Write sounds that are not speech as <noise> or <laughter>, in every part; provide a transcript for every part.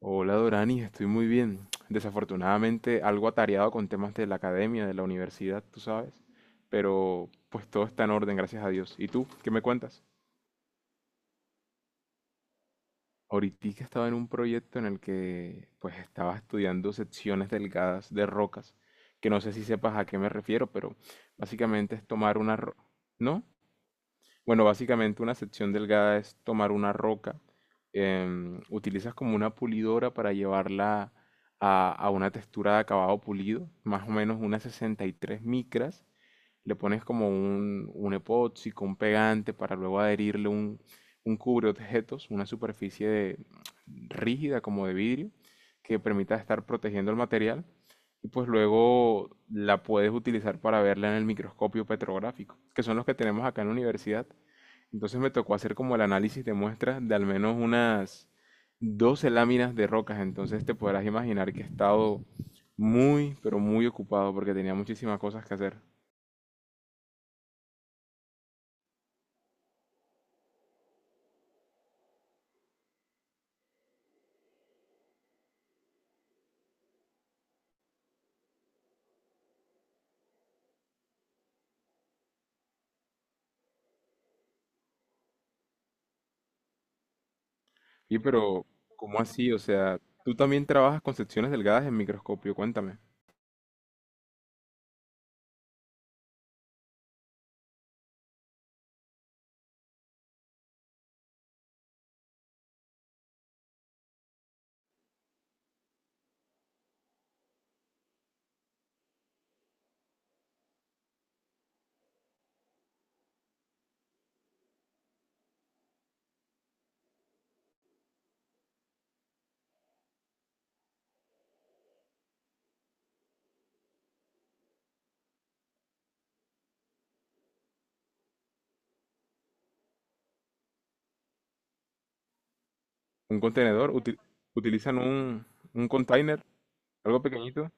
Hola Dorani, estoy muy bien. Desafortunadamente algo atareado con temas de la academia, de la universidad, tú sabes. Pero pues todo está en orden, gracias a Dios. ¿Y tú? ¿Qué me cuentas? Ahorita estaba en un proyecto en el que pues estaba estudiando secciones delgadas de rocas, que no sé si sepas a qué me refiero, pero básicamente es tomar ¿No? Bueno, básicamente una sección delgada es tomar una roca, utilizas como una pulidora para llevarla a una textura de acabado pulido, más o menos unas 63 micras, le pones como un epoxi con un pegante para luego adherirle un objetos, una rígida como de vidrio que permita estar protegiendo el material y pues luego la puedes utilizar para verla en el microscopio petrográfico, que son los que tenemos acá en la universidad. Entonces me tocó hacer como el análisis de muestras de al menos unas 12 láminas de rocas. Entonces te podrás imaginar que he estado muy, pero muy ocupado porque tenía muchísimas cosas que hacer. Y pero, ¿Cómo así? O sea, tú también trabajas con secciones delgadas en microscopio. Cuéntame. ¿Un contenedor? ¿Utilizan un container? ¿Algo pequeñito?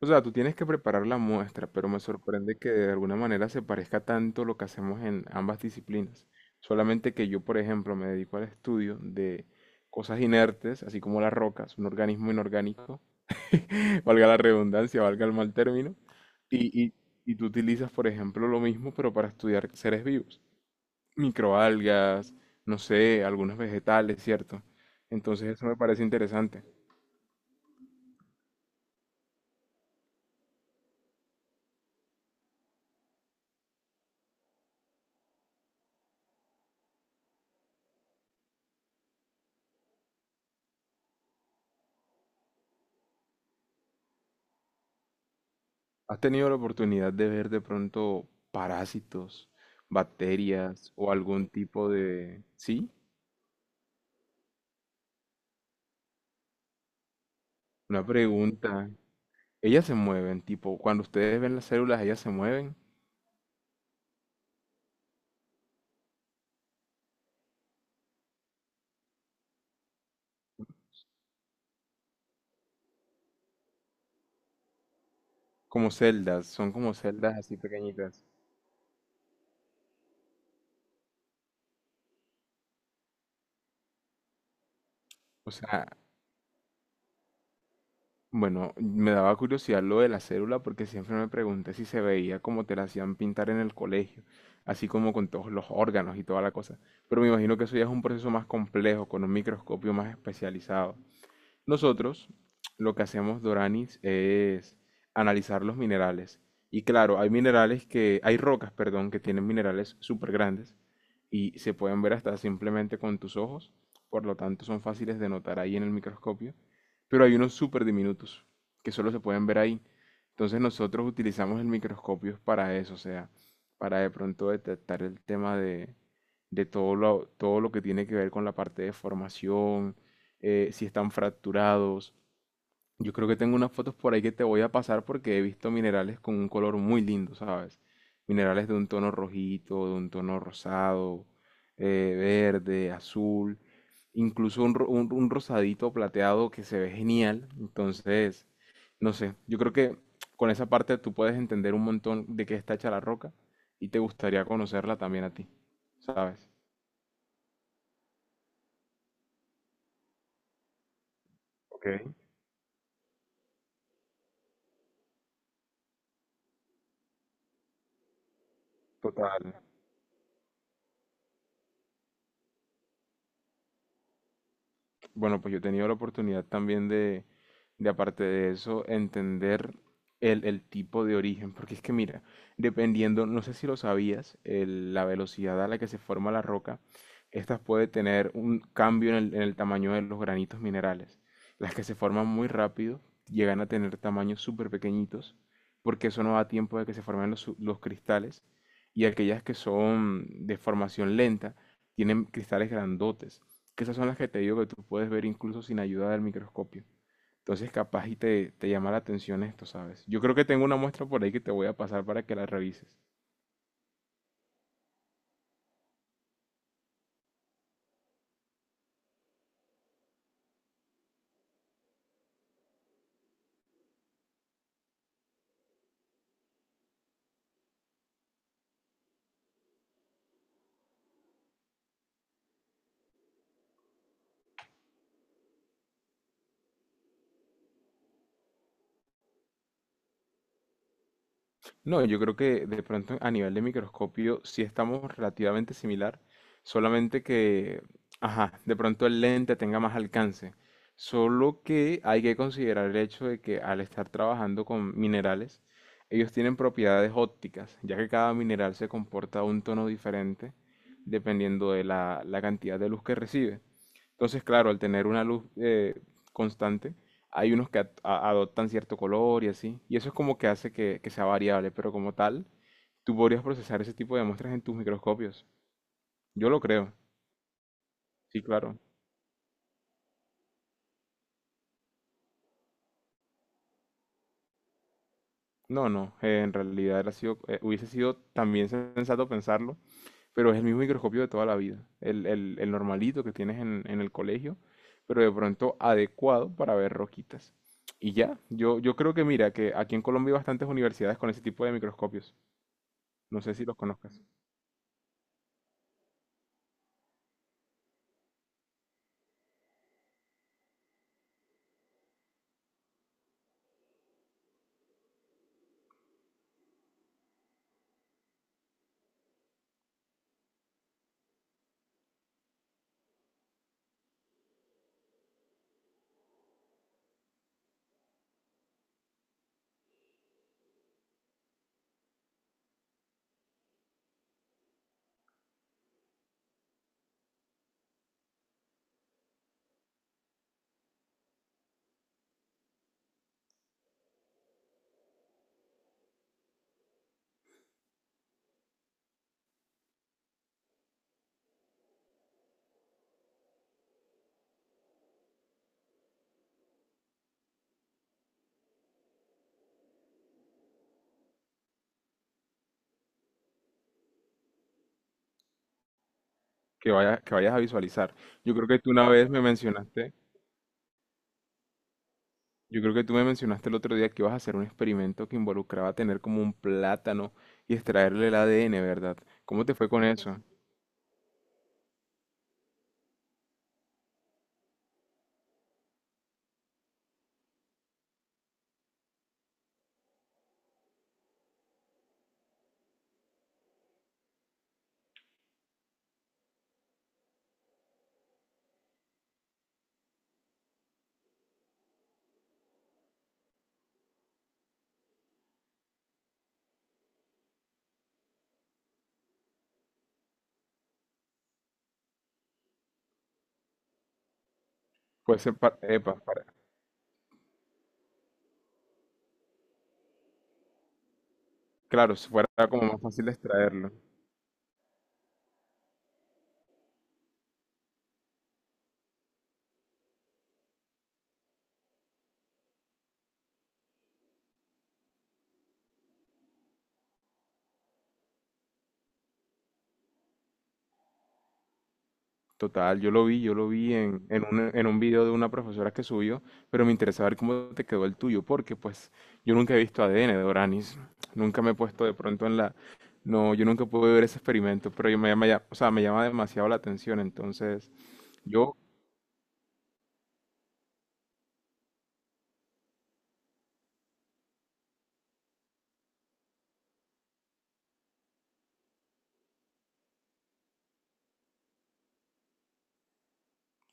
O sea, tú tienes que preparar la muestra, pero me sorprende que de alguna manera se parezca tanto lo que hacemos en ambas disciplinas. Solamente que yo, por ejemplo, me dedico al estudio de cosas inertes, así como las rocas, un organismo inorgánico, <laughs> valga la redundancia, valga el mal término, y, y, y tú utilizas, por ejemplo, lo mismo, pero para estudiar seres vivos, microalgas, no sé, algunos vegetales, ¿cierto? Entonces eso me parece interesante. ¿Has tenido la oportunidad de ver de pronto parásitos, bacterias o algún tipo de... Sí, una pregunta. Ellas se mueven, tipo, cuando ustedes ven las células, ellas se mueven como celdas, son como celdas así pequeñitas. O sea, bueno, me daba curiosidad lo de la célula porque siempre me pregunté si se veía como te la hacían pintar en el colegio, así como con todos los órganos y toda la cosa. Pero me imagino que eso ya es un proceso más complejo, con un microscopio más especializado. Nosotros lo que hacemos, Doranis, es analizar los minerales. Y claro, hay minerales que, hay rocas, perdón, que tienen minerales súper grandes y se pueden ver hasta simplemente con tus ojos, por lo tanto son fáciles de notar ahí en el microscopio, pero hay unos súper diminutos que solo se pueden ver ahí. Entonces nosotros utilizamos el microscopio para eso, o sea, para de pronto detectar el tema de todo lo que tiene que ver con la parte de formación, si están fracturados. Yo creo que tengo unas fotos por ahí que te voy a pasar porque he visto minerales con un color muy lindo, ¿sabes? Minerales de un tono rojito, de un tono rosado, verde, azul, incluso un rosadito plateado que se ve genial. Entonces, no sé, yo creo que con esa parte tú puedes entender un montón de qué está hecha la roca y te gustaría conocerla también a ti, ¿sabes? Ok, total. Bueno, pues yo he tenido la oportunidad también de aparte de eso, entender el tipo de origen, porque es que mira, dependiendo, no sé si lo sabías, la velocidad a la que se forma la roca, estas puede tener un cambio en en el tamaño de los granitos minerales. Las que se forman muy rápido llegan a tener tamaños súper pequeñitos, porque eso no da tiempo de que se formen los cristales, y aquellas que son de formación lenta tienen cristales grandotes que esas son las que te digo que tú puedes ver incluso sin ayuda del microscopio. Entonces capaz y te llama la atención esto, ¿sabes? Yo creo que tengo una muestra por ahí que te voy a pasar para que la revises. No, yo creo que de pronto a nivel de microscopio sí estamos relativamente similar, solamente que, ajá, de pronto el lente tenga más alcance. Solo que hay que considerar el hecho de que al estar trabajando con minerales, ellos tienen propiedades ópticas, ya que cada mineral se comporta a un tono diferente dependiendo de la cantidad de luz que recibe. Entonces, claro, al tener una luz constante, hay unos que adoptan cierto color y así. Y eso es como que hace que sea variable, pero como tal, tú podrías procesar ese tipo de muestras en tus microscopios. Yo lo creo, sí, claro. No, no, en realidad era sido, hubiese sido también sensato pensarlo, pero es el mismo microscopio de toda la vida, el normalito que tienes en el colegio, pero de pronto adecuado para ver roquitas. Y ya, yo creo que mira, que aquí en Colombia hay bastantes universidades con ese tipo de microscopios. No sé si los conozcas. Que vayas a visualizar. Yo creo que tú una vez me mencionaste, yo creo que tú me mencionaste el otro día que ibas a hacer un experimento que involucraba tener como un plátano y extraerle el ADN, ¿verdad? ¿Cómo te fue con eso? Pues, epa, para, claro, si fuera como más fácil de extraerlo. Total, yo lo vi en un video de una profesora que subió, pero me interesaba ver cómo te quedó el tuyo, porque pues yo nunca he visto ADN de Oranis, nunca me he puesto de pronto en la... No, yo nunca pude ver ese experimento, pero yo me llama, o sea, me llama demasiado la atención, entonces yo,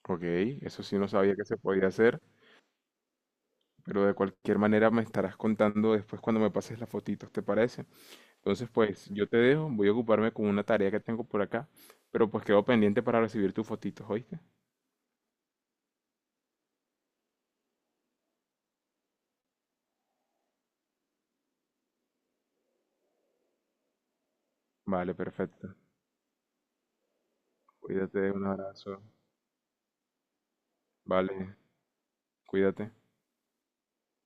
ok, eso sí no sabía que se podía hacer, pero de cualquier manera me estarás contando después cuando me pases las fotitos, ¿te parece? Entonces pues yo te dejo, voy a ocuparme con una tarea que tengo por acá, pero pues quedo pendiente para recibir tus fotitos, ¿oíste? Vale, perfecto. Cuídate, un abrazo. Vale, cuídate.